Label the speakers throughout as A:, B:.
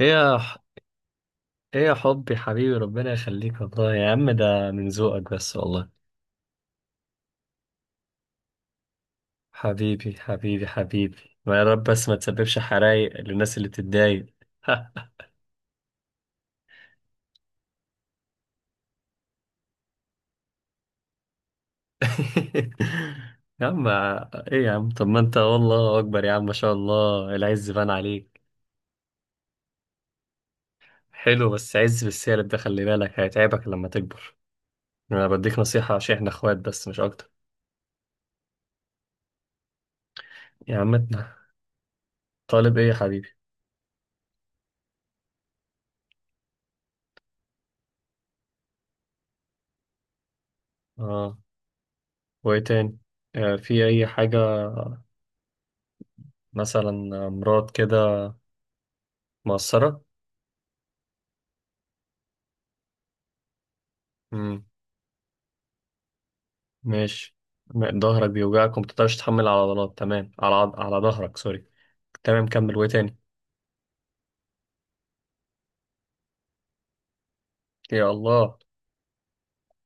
A: ايه يا ح- ايه يا حبي حبيبي، ربنا يخليك والله. يا عم، ده من ذوقك بس والله. حبيبي حبيبي حبيبي، ما يا رب بس ما تسببش حرايق للناس اللي بتتضايق. يا عم، ايه يا عم؟ طب ما انت والله اكبر، يا عم، ما شاء الله، العز بان عليك. حلو، بس عز بالسالب ده، خلي بالك هيتعبك لما تكبر. انا بديك نصيحة عشان احنا اخوات، بس مش اكتر. يا عم إنت، طالب ايه يا حبيبي؟ اه، وايه تاني؟ في اي حاجة، مثلا امراض كده؟ مقصرة. امم ماشي. ظهرك بيوجعك وما بتقدرش تحمل على عضلات، تمام، على على ظهرك، سوري. تمام، كمل، وايه تاني؟ يا الله،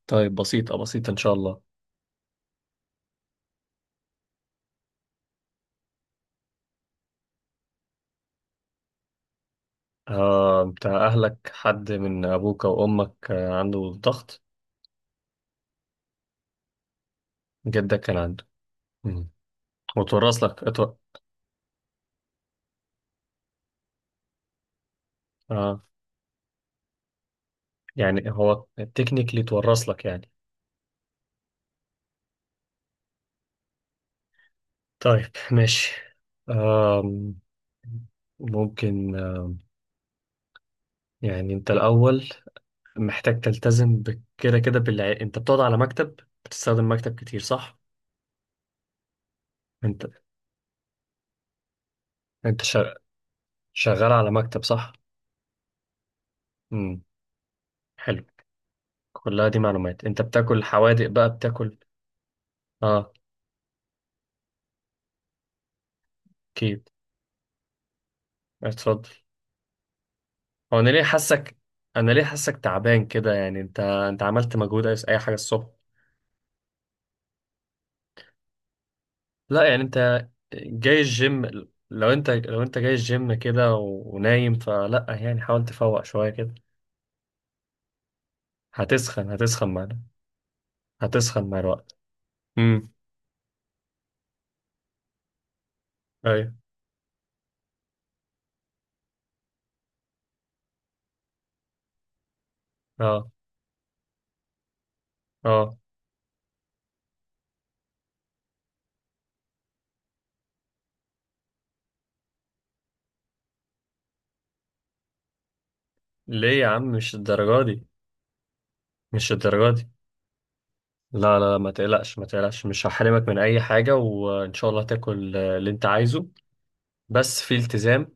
A: طيب، بسيطة بسيطة ان شاء الله. بتاع اهلك، حد من ابوك او امك عنده ضغط؟ جدك كان عنده. امم وتورث لك؟ اتو... آه يعني هو تكنيكلي تورث لك، يعني. طيب، ماشي. آه ممكن، يعني انت الاول محتاج تلتزم كده كده، انت بتقعد على مكتب، بتستخدم مكتب كتير، صح؟ انت انت شغال على مكتب، صح؟ امم حلو. كلها دي معلومات. انت بتاكل حوادق بقى، بتاكل. اه، اكيد، اتفضل. هو انا ليه حاسك انا ليه حاسك تعبان كده؟ يعني انت عملت مجهود، اي حاجه الصبح؟ لا يعني، انت جاي الجيم؟ لو انت جاي الجيم كده ونايم، فلا يعني، حاول تفوق شويه كده. هتسخن معانا. هتسخن مع الوقت. امم أيوه. اه، اه. ليه يا عم؟ مش الدرجة دي، مش الدرجة دي. لا لا، ما تقلقش، ما تقلقش، مش هحرمك من أي حاجة، وإن شاء الله تاكل اللي أنت عايزه. بس في التزام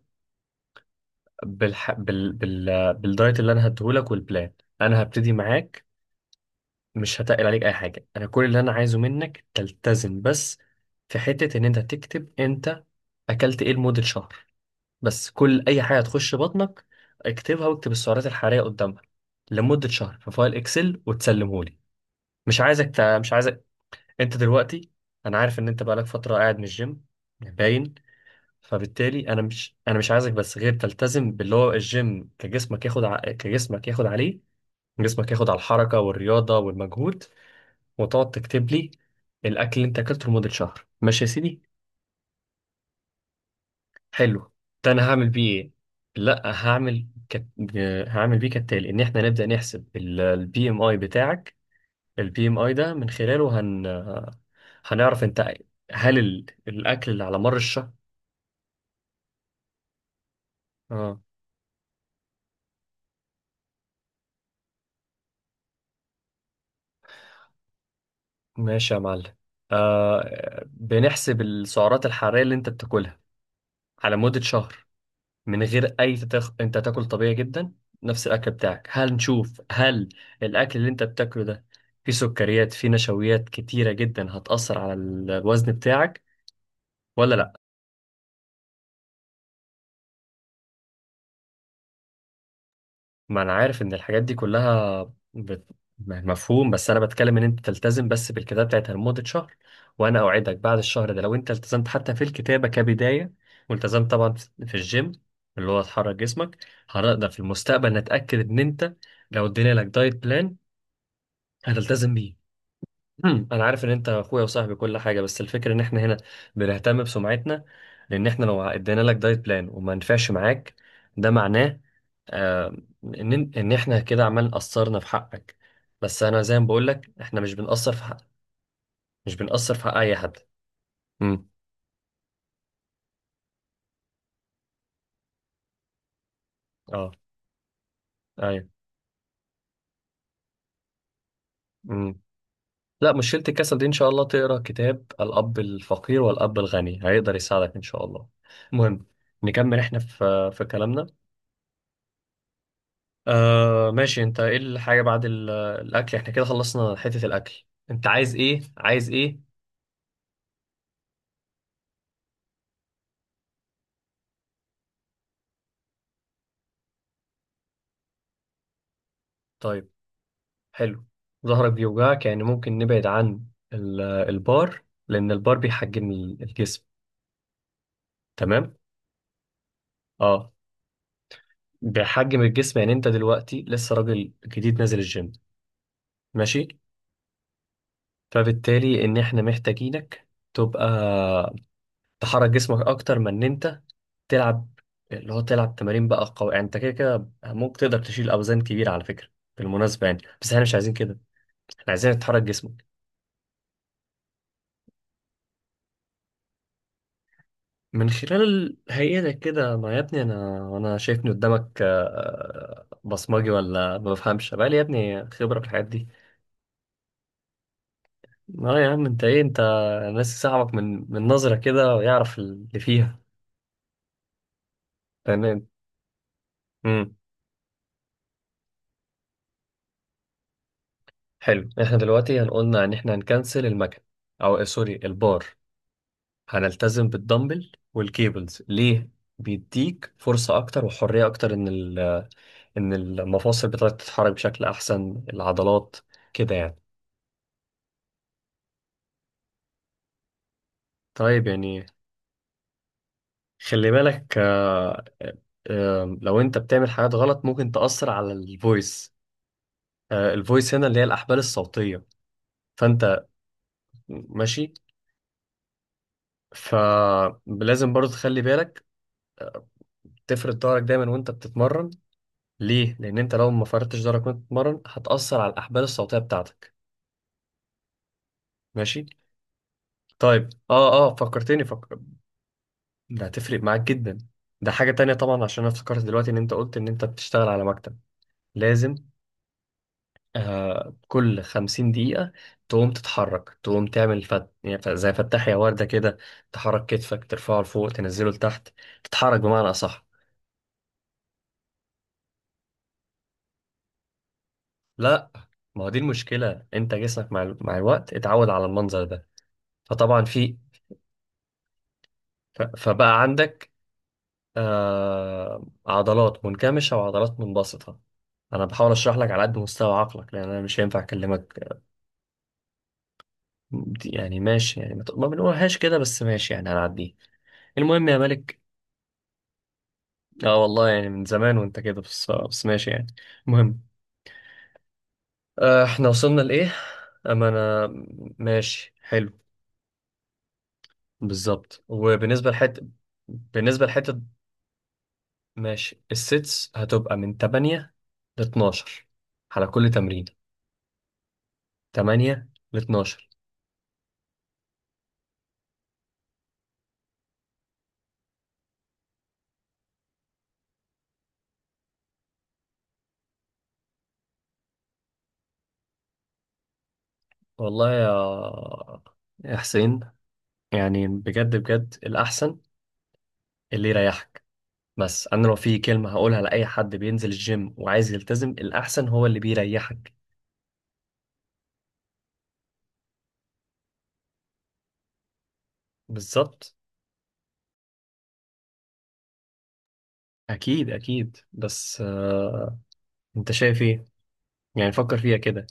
A: بالح... بال... بال... آه، بالدايت اللي أنا هديهولك والبلان. أنا هبتدي معاك. مش هتقل عليك أي حاجة، أنا كل اللي أنا عايزه منك تلتزم بس. في حتة إن أنت تكتب أنت أكلت إيه لمدة شهر. بس كل أي حاجة تخش بطنك، اكتبها واكتب السعرات الحرارية قدامها لمدة شهر في فايل إكسل وتسلمهولي. مش عايزك انت دلوقتي. انا عارف ان انت بقالك فتره قاعد من الجيم، باين. فبالتالي انا مش عايزك بس غير تلتزم باللي هو الجيم، كجسمك ياخد عليه. جسمك ياخد على الحركه والرياضه والمجهود، وتقعد تكتب لي الاكل اللي انت اكلته لمده شهر، ماشي يا سيدي؟ حلو. ده انا هعمل بيه ايه؟ لا، هعمل كت... هعمل بيه كالتالي، ان احنا نبدا نحسب البي ام اي بتاعك. البي ام اي ده من خلاله هنعرف انت، هل الاكل اللي على مر الشهر... اه، ماشي يا معلم. بنحسب السعرات الحرارية اللي انت بتاكلها على مدة شهر، من غير اي انت تاكل طبيعي جدا، نفس الاكل بتاعك. هل نشوف هل الاكل اللي انت بتاكله ده فيه سكريات، فيه نشويات كتيرة جدا، هتأثر على الوزن بتاعك ولا لا؟ ما انا عارف ان الحاجات دي كلها بت... مفهوم، بس انا بتكلم ان انت تلتزم بس بالكتابه بتاعتها لمده شهر. وانا اوعدك بعد الشهر ده، لو انت التزمت حتى في الكتابه كبدايه، والتزمت طبعا في الجيم اللي هو تحرك جسمك، هنقدر في المستقبل نتاكد ان انت لو ادينا لك دايت بلان هتلتزم بيه. مم. انا عارف ان انت اخويا وصاحبي كل حاجه، بس الفكره ان احنا هنا بنهتم بسمعتنا، لان احنا لو ادينا لك دايت بلان وما نفعش معاك، ده معناه آه، ان احنا كده عمال قصرنا في حقك. بس انا زي ما بقول لك، احنا مش بنقصر في حق، مش بنقصر في حق اي حد. امم اه، ايوه. امم لا، مشكله الكسل دي ان شاء الله تقرا كتاب الاب الفقير والاب الغني، هيقدر يساعدك ان شاء الله. المهم، نكمل احنا في كلامنا. ماشي. انت ايه الحاجة بعد الأكل؟ احنا كده خلصنا حتة الأكل، انت عايز ايه عايز ايه؟ طيب، حلو. ظهرك بيوجعك، يعني ممكن نبعد عن البار، لأن البار بيحجم الجسم، تمام. اه، بيحجم الجسم يعني انت دلوقتي لسه راجل جديد نازل الجيم، ماشي. فبالتالي ان احنا محتاجينك تبقى تحرك جسمك اكتر من ان انت تلعب، اللي هو تلعب تمارين بقى قوي، يعني انت كده كده ممكن تقدر تشيل اوزان كبيره على فكره بالمناسبه، يعني بس احنا مش عايزين كده. احنا عايزين تحرك جسمك من خلال هيئتك كده. ما يا ابني، انا شايفني قدامك، بصمجي ولا ما بفهمش بقى؟ لي يا ابني خبره في الحاجات دي. اه يا عم، انت ايه؟ انت ناسي صاحبك من نظره كده ويعرف اللي فيها. تمام. امم حلو. احنا دلوقتي هنقولنا ان احنا هنكنسل المكان، او سوري، البار. هنلتزم بالدمبل والكيبلز. ليه؟ بيديك فرصة أكتر وحرية أكتر، إن إن المفاصل بتاعتك تتحرك بشكل أحسن، العضلات كده يعني. طيب، يعني خلي بالك، لو أنت بتعمل حاجات غلط ممكن تأثر على الفويس. الفويس هنا اللي هي الأحبال الصوتية. فأنت، ماشي. فلازم برضو تخلي بالك، آه، تفرد ظهرك دايما وأنت بتتمرن. ليه؟ لأن أنت لو ما فردتش ظهرك وأنت بتتمرن هتأثر على الأحبال الصوتية بتاعتك، ماشي. طيب، اه اه، فكرتني، فكر. ده هتفرق معاك جدا. ده حاجة تانية طبعا، عشان انا افتكرت دلوقتي ان انت قلت ان انت بتشتغل على مكتب. لازم، كل خمسين دقيقة تقوم تتحرك، تقوم تعمل يعني زي فتح يا وردة كده، تحرك كتفك، ترفعه لفوق، تنزله لتحت، تتحرك بمعنى أصح. لا، ما هو دي المشكلة، انت جسمك مع الوقت اتعود على المنظر ده. فطبعا فبقى عندك عضلات منكمشة وعضلات منبسطة. أنا بحاول أشرح لك على قد مستوى عقلك، لأن أنا مش هينفع أكلمك. يعني ماشي يعني، ما بنقولهاش كده، بس ماشي يعني، هنعديه. المهم يا ملك، والله يعني من زمان وأنت كده، بس ماشي يعني. المهم، إحنا وصلنا لإيه؟ أما أنا، ماشي، حلو، بالظبط. وبالنسبة لحتة بالنسبة لحتة، ماشي السيتس هتبقى من 8 ل 12 على كل تمرين، 8 ل 12. والله يا حسين، يعني بجد بجد، الأحسن اللي يريحك. بس أنا لو في كلمة هقولها لأي حد بينزل الجيم وعايز يلتزم، الأحسن هو اللي بيريحك. بالظبط. أكيد أكيد، بس أنت شايف إيه؟ يعني فكر فيها كده،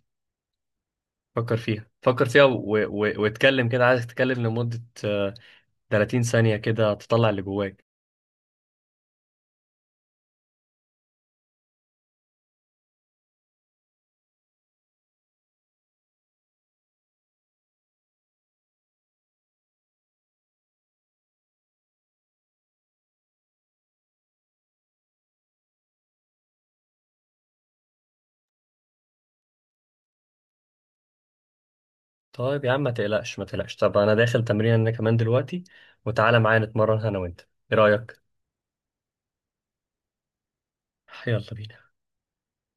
A: فكر فيها، فكر فيها، واتكلم كده، عايزك تتكلم لمدة 30 ثانية كده، تطلع اللي جواك. طيب يا عم، ما تقلقش، ما تقلقش، طب أنا داخل تمرين أنا كمان دلوقتي، وتعالى معايا نتمرن أنا وأنت، إيه رأيك؟ يلا بينا.